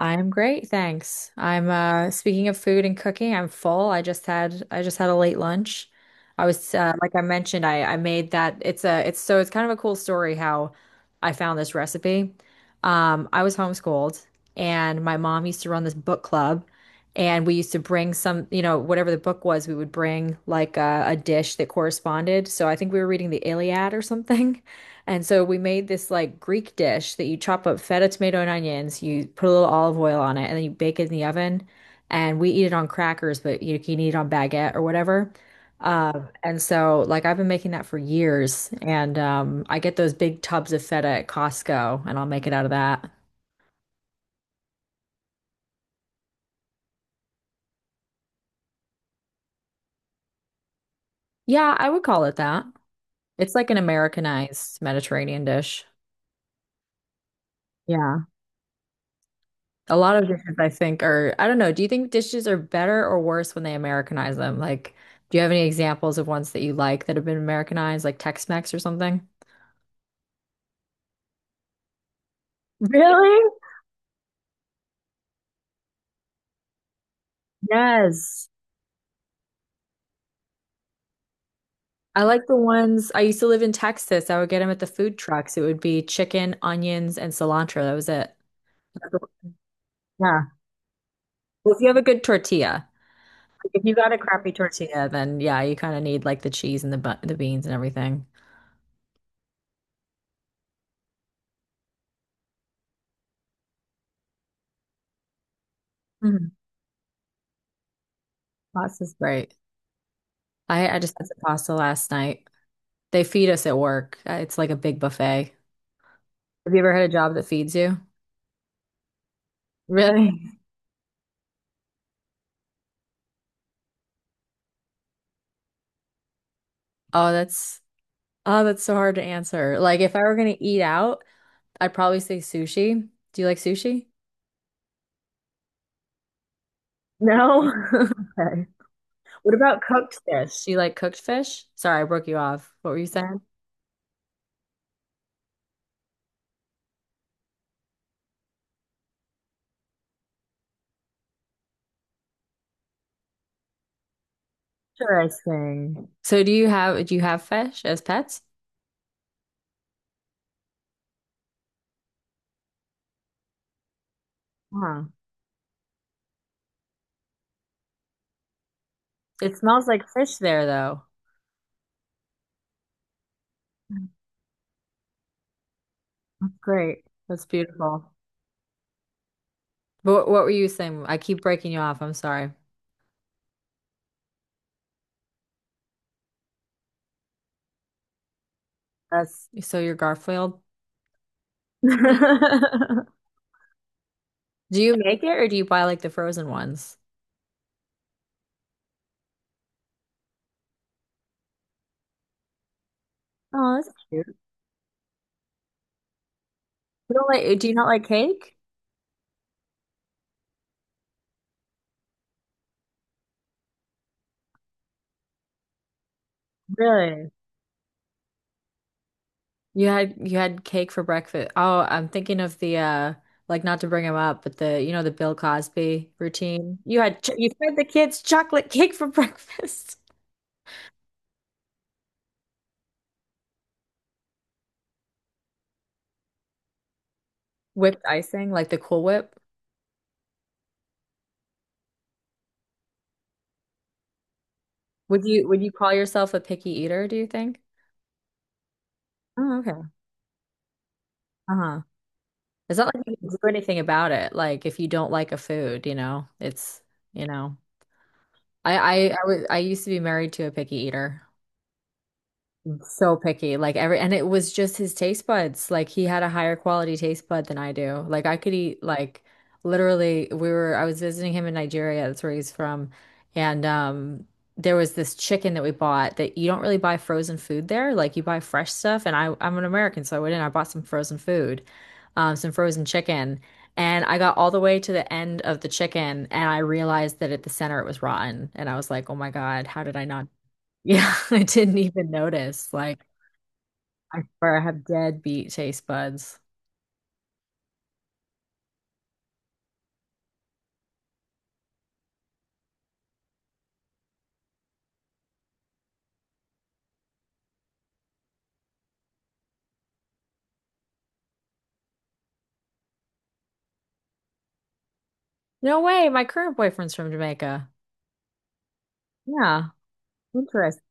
I'm great, thanks. I'm Speaking of food and cooking, I'm full. I just had a late lunch. I was like I mentioned, I made that it's kind of a cool story how I found this recipe. I was homeschooled and my mom used to run this book club, and we used to bring some, you know, whatever the book was, we would bring like a dish that corresponded. So I think we were reading the Iliad or something. And so we made this like Greek dish that you chop up feta, tomato, and onions. You put a little olive oil on it, and then you bake it in the oven. And we eat it on crackers, but you can eat it on baguette or whatever. I've been making that for years. And I get those big tubs of feta at Costco, and I'll make it out of that. Yeah, I would call it that. It's like an Americanized Mediterranean dish. Yeah. A lot of dishes, I think, are, I don't know. Do you think dishes are better or worse when they Americanize them? Like, do you have any examples of ones that you like that have been Americanized, like Tex-Mex or something? Really? Yes. I like the ones— I used to live in Texas. I would get them at the food trucks. It would be chicken, onions, and cilantro. That was it. Yeah. Well, if you have a good tortilla, like, if you got a crappy tortilla, then yeah, you kind of need like the cheese and the beans and everything. Mhm. Pasta's great. I just had some pasta last night. They feed us at work. It's like a big buffet. Have you ever had a job that feeds you? Really? Oh, that's— oh, that's so hard to answer. Like if I were gonna eat out, I'd probably say sushi. Do you like sushi? No. Okay. What about cooked fish? Do you like cooked fish? Sorry, I broke you off. What were you saying? Interesting. So do you have— do you have fish as pets? Huh. It smells like fish there though. Great. That's beautiful. But what were you saying? I keep breaking you off. I'm sorry. That's— so you're Garfield. Do you make it or do you buy like the frozen ones? Oh, that's cute. You don't like— do you not like cake? Really? You had cake for breakfast. Oh, I'm thinking of the like, not to bring him up, but the, you know, the Bill Cosby routine. You had ch you fed the kids chocolate cake for breakfast. Whipped icing, like the Cool Whip. Would you call yourself a picky eater, do you think? Oh, okay. Uh-huh. It's not like you can do anything about it. Like if you don't like a food, you know, I used to be married to a picky eater. So picky, and it was just his taste buds. Like he had a higher quality taste bud than I do. Like I could eat like— literally we were— I was visiting him in Nigeria, that's where he's from. And there was this chicken that we bought— that you don't really buy frozen food there. Like you buy fresh stuff, and I'm an American, so I went in, I bought some frozen food, some frozen chicken. And I got all the way to the end of the chicken and I realized that at the center it was rotten. And I was like, oh my God, how did I not? Yeah, I didn't even notice. Like I prefer— I have dead beat taste buds. No way, my current boyfriend's from Jamaica. Yeah, interesting.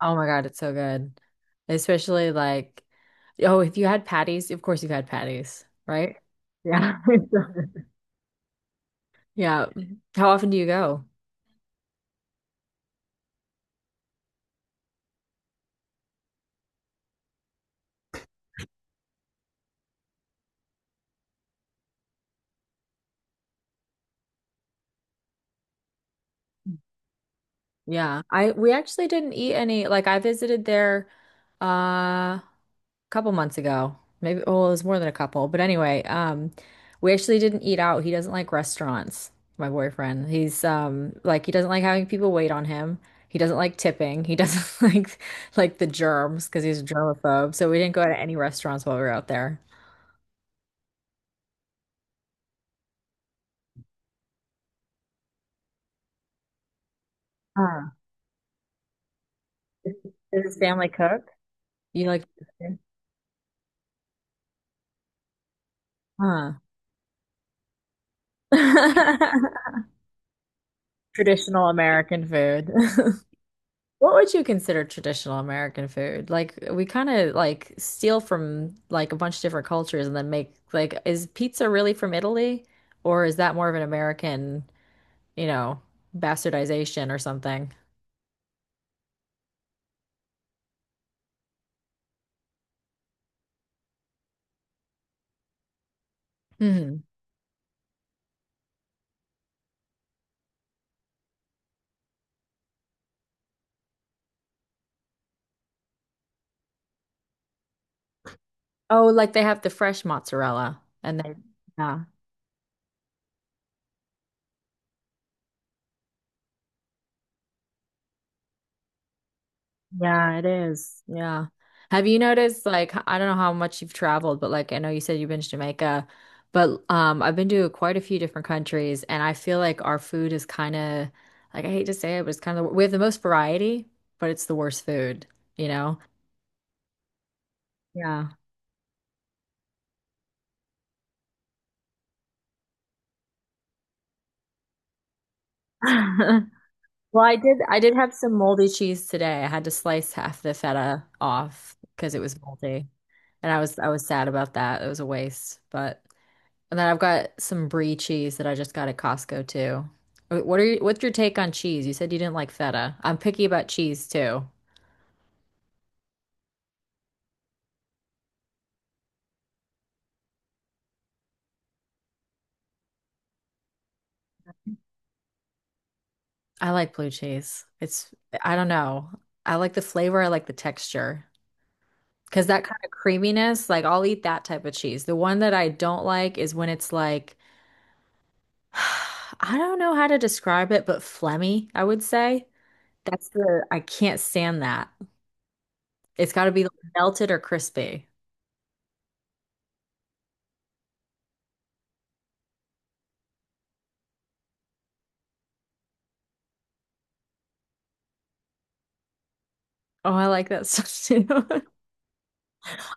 Oh my God, it's so good. Especially like, oh, if you had patties— of course you had patties, right? Yeah. It's so good. Yeah. How often do you go? Yeah. I— we actually didn't eat any. Like I visited there uh couple months ago. Maybe, well, it was more than a couple. But anyway, we actually didn't eat out. He doesn't like restaurants, my boyfriend. He's like, he doesn't like having people wait on him. He doesn't like tipping. He doesn't like the germs because he's a germaphobe. So we didn't go to any restaurants while we were out there. Huh. Does his family cook? You like, huh? Traditional American food. What would you consider traditional American food? Like, we kind of like steal from like a bunch of different cultures and then make— like is pizza really from Italy or is that more of an American, you know, bastardization or something? Hmm. Oh, like they have the fresh mozzarella and they— yeah. Yeah, it is. Yeah. Have you noticed, like— I don't know how much you've traveled, but like, I know you said you've been to Jamaica, but I've been to quite a few different countries, and I feel like our food is kind of, like, I hate to say it, but it's kind of— we have the most variety, but it's the worst food, you know? Yeah. Well, I did have some moldy cheese today. I had to slice half the feta off because it was moldy, and I was sad about that. It was a waste, but. And then I've got some brie cheese that I just got at Costco too. What's your take on cheese? You said you didn't like feta. I'm picky about cheese too. I like blue cheese. It's— I don't know. I like the flavor, I like the texture. Because that kind of creaminess, like I'll eat that type of cheese. The one that I don't like is when it's like, I don't know how to describe it, but phlegmy, I would say. That's the— I can't stand that. It's got to be melted or crispy. Oh, I like that stuff too.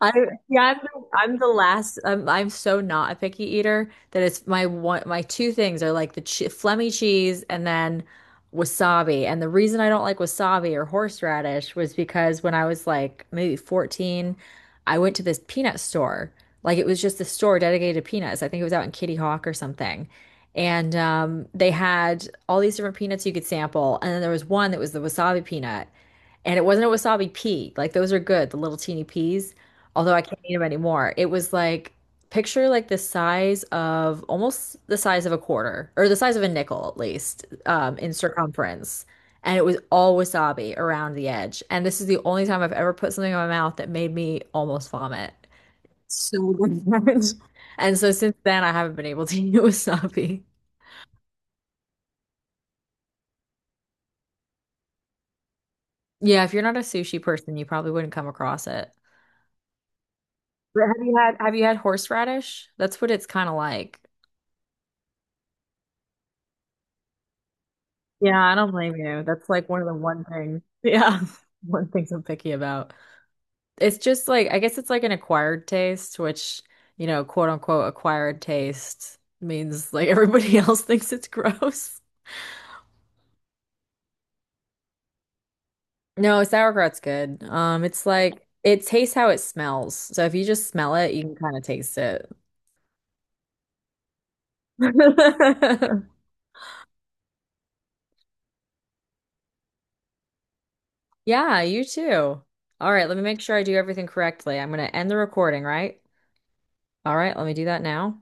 I— yeah, I'm the last. I'm so not a picky eater that it's my two things are like the che Flemy cheese and then wasabi. And the reason I don't like wasabi or horseradish was because when I was like maybe 14, I went to this peanut store. Like it was just a store dedicated to peanuts. I think it was out in Kitty Hawk or something. And they had all these different peanuts you could sample, and then there was one that was the wasabi peanut. And it wasn't a wasabi pea. Like those are good, the little teeny peas, although I can't eat them anymore. It was like, picture like the size of almost the size of a quarter, or the size of a nickel at least, in circumference, and it was all wasabi around the edge. And this is the only time I've ever put something in my mouth that made me almost vomit. So good. And so since then, I haven't been able to eat wasabi. Yeah, if you're not a sushi person, you probably wouldn't come across it. But have you had horseradish? That's what it's kind of like. Yeah, I don't blame you. That's like one of the one thing. Yeah, one things I'm picky about. It's just like— I guess it's like an acquired taste, which, you know, quote unquote acquired taste means like everybody else thinks it's gross. No, sauerkraut's good. It's like it tastes how it smells. So if you just smell it, you can kind of taste it. Yeah, you too. All right, let me make sure I do everything correctly. I'm gonna end the recording, right? All right, let me do that now.